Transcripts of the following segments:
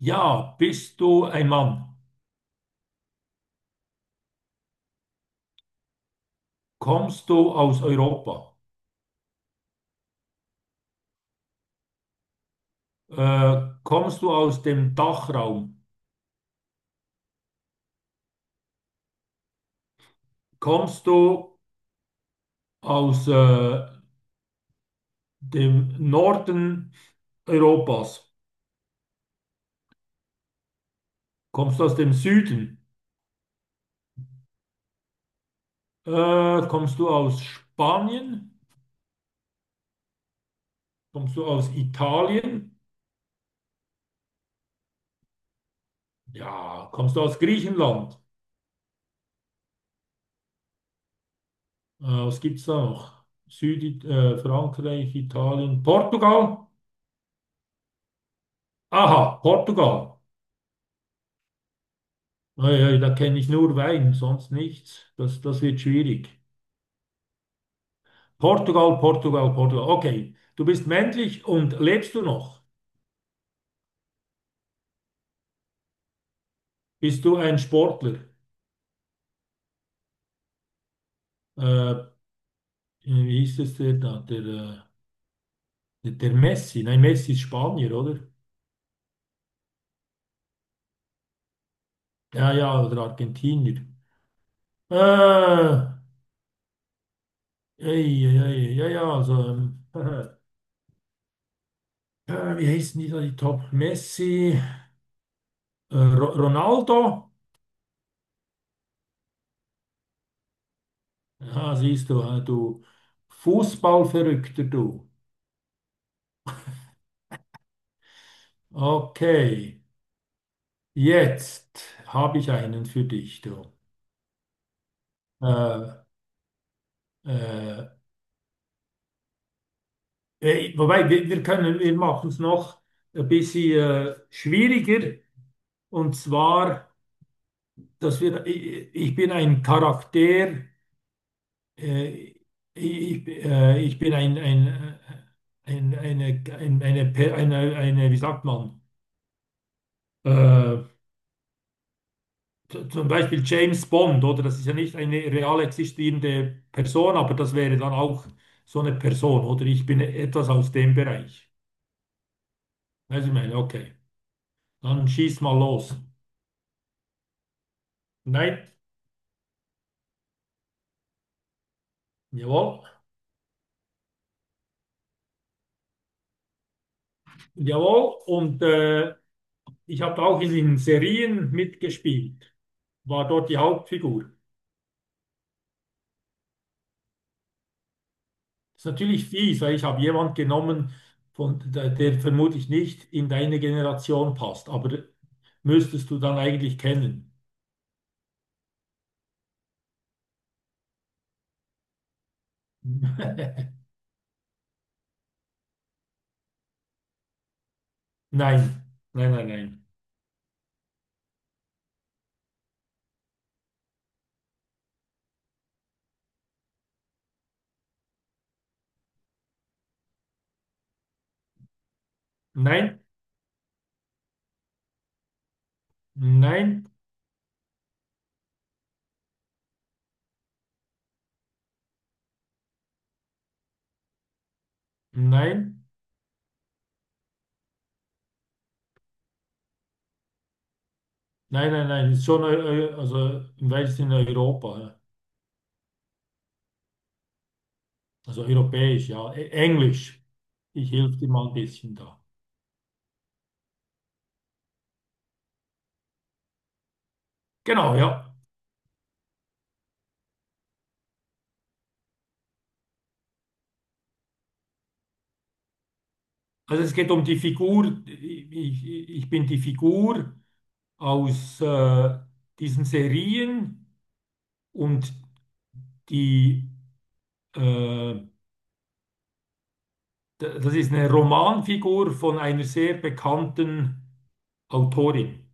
Ja, bist du ein Mann? Kommst du aus Europa? Kommst du aus dem Dachraum? Kommst du aus dem Norden Europas? Kommst du aus dem Süden? Kommst du aus Spanien? Kommst du aus Italien? Ja, kommst du aus Griechenland? Was gibt es da noch? Süd, Frankreich, Italien, Portugal? Aha, Portugal. Naja, da kenne ich nur Wein, sonst nichts. Das wird schwierig. Portugal, Portugal, Portugal. Okay, du bist männlich und lebst du noch? Bist du ein Sportler? Äh, Wie hieß es der da? Der Messi. Nein, Messi ist Spanier, oder? Ja, ja, oder Argentinier. Äh, ey, ey, ey, ja, ja, also, wie heißen die da, die Top? Messi, Ronaldo? Ja, siehst du, du Fußballverrückter, du. Okay, jetzt habe ich einen für dich, du. Äh, äh, Wobei, wir können, wir machen es noch ein bisschen schwieriger. Und zwar, ich bin ein Charakter, äh, ich bin eine, wie sagt man? Äh, Zum Beispiel James Bond, oder? Das ist ja nicht eine real existierende Person, aber das wäre dann auch so eine Person, oder? Ich bin etwas aus dem Bereich. Also ich meine, okay, dann schieß mal los. Nein, jawohl, jawohl. Und ich habe auch in den Serien mitgespielt, war dort die Hauptfigur. Ist natürlich fies, weil ich habe jemand genommen, von, der vermutlich nicht in deine Generation passt, aber müsstest du dann eigentlich kennen. Nein, nein, nein, nein. Nein, nein, nein, nein, nein, nein. Ist schon, also im weitesten Sinne Europa, ja. Also europäisch, ja. Englisch. Ich helfe dir mal ein bisschen da. Genau, ja. Also es geht um die Figur. Ich bin die Figur aus diesen Serien und die, äh, das ist eine Romanfigur von einer sehr bekannten Autorin.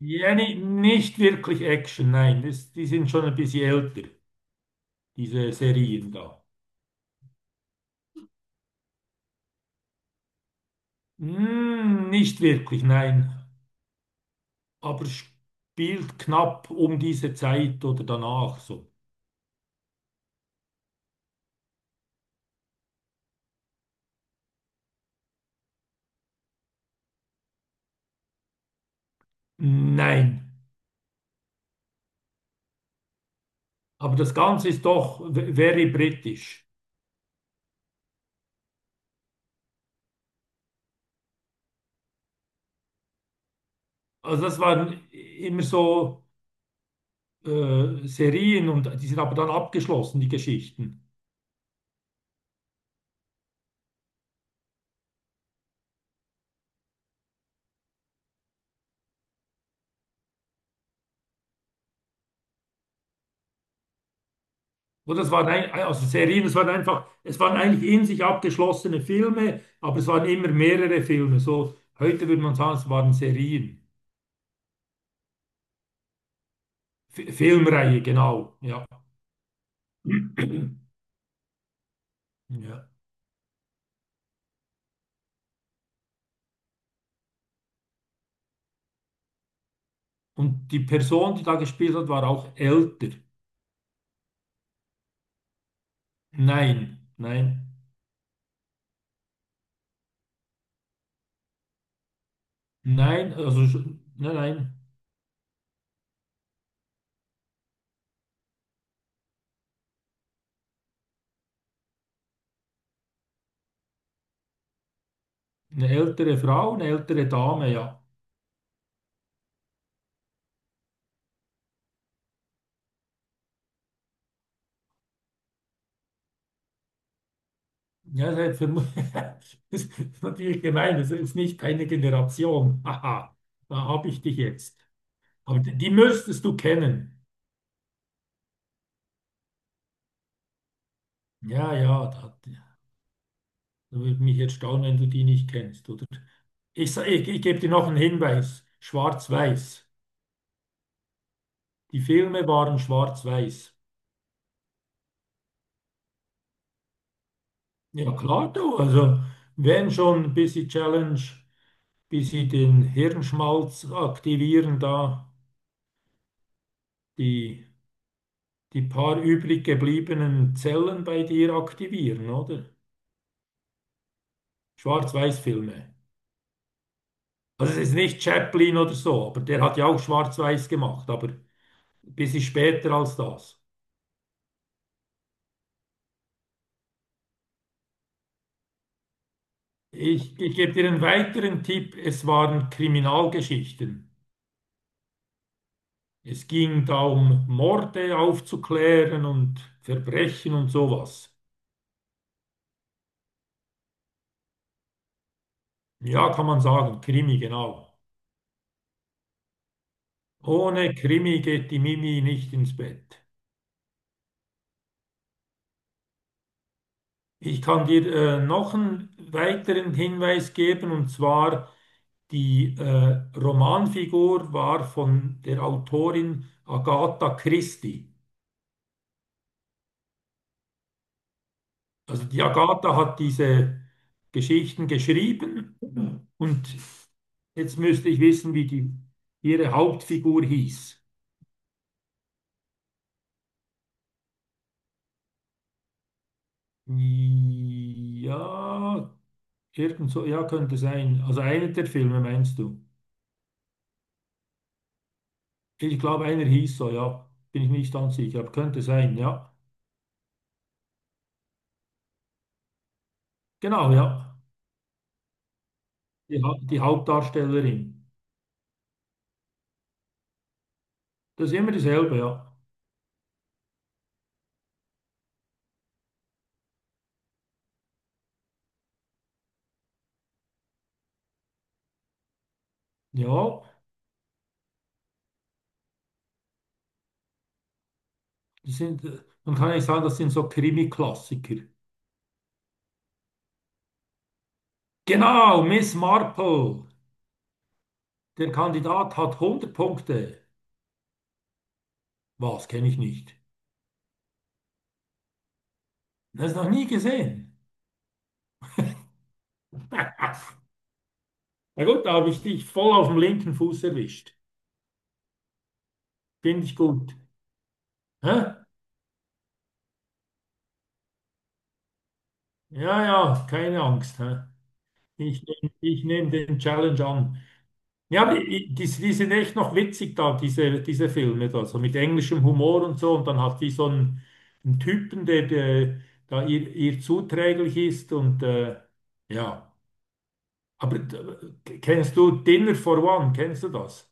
Ja, nicht wirklich Action, nein. Das, die sind schon ein bisschen älter, diese Serien da. Hm, nicht wirklich, nein. Aber spielt knapp um diese Zeit oder danach so. Nein. Aber das Ganze ist doch very britisch. Also das waren immer so Serien und die sind aber dann abgeschlossen, die Geschichten. Oder das waren ein, also Serien, es waren einfach, es waren eigentlich in sich abgeschlossene Filme, aber es waren immer mehrere Filme. So, heute würde man sagen, es waren Serien. F Filmreihe, genau. Ja. Ja. Und die Person, die da gespielt hat, war auch älter. Nein, nein, nein, nein, nein. Eine ältere Frau, eine ältere Dame, ja. Ja, das ist natürlich gemein, das ist nicht eine Generation. Haha, da habe ich dich jetzt. Aber die die müsstest du kennen. Ja, ja, da, da würde mich jetzt staunen, wenn du die nicht kennst, oder? Ich gebe dir noch einen Hinweis. Schwarz-Weiß. Die Filme waren schwarz-weiß. Ja, klar, du. Also, wenn schon ein bisschen Challenge, bisschen den Hirnschmalz aktivieren, da die, die paar übrig gebliebenen Zellen bei dir aktivieren, oder? Schwarz-Weiß-Filme. Also, es ist nicht Chaplin oder so, aber der hat ja auch schwarz-weiß gemacht, aber bisschen später als das. Ich gebe dir einen weiteren Tipp. Es waren Kriminalgeschichten. Es ging da um Morde aufzuklären und Verbrechen und sowas. Ja, kann man sagen, Krimi, genau. Ohne Krimi geht die Mimi nicht ins Bett. Ich kann dir noch einen weiteren Hinweis geben, und zwar die Romanfigur war von der Autorin Agatha Christie. Also die Agatha hat diese Geschichten geschrieben und jetzt müsste ich wissen, wie ihre Hauptfigur hieß. Ja, irgend so, ja, könnte sein. Also einer der Filme meinst du? Ich glaube, einer hieß so, ja. Bin ich nicht ganz sicher, aber könnte sein, ja. Genau, ja. Die Hauptdarstellerin. Das ist immer dasselbe, ja. Ja, das sind, man kann ja sagen, das sind so Krimi-Klassiker. Genau, Miss Marple. Der Kandidat hat 100 Punkte. Was kenne ich nicht? Das noch nie gesehen. Na gut, da habe ich dich voll auf dem linken Fuß erwischt. Finde ich gut. Hä? Ja, ja, keine Angst. Hä? Ich nehm den Challenge an. Ja, aber die, die sind echt noch witzig da, diese, diese Filme da, so mit englischem Humor und so. Und dann hat die so einen, einen Typen, der da ihr zuträglich ist und ja. Aber kennst du Dinner for One? Kennst du das?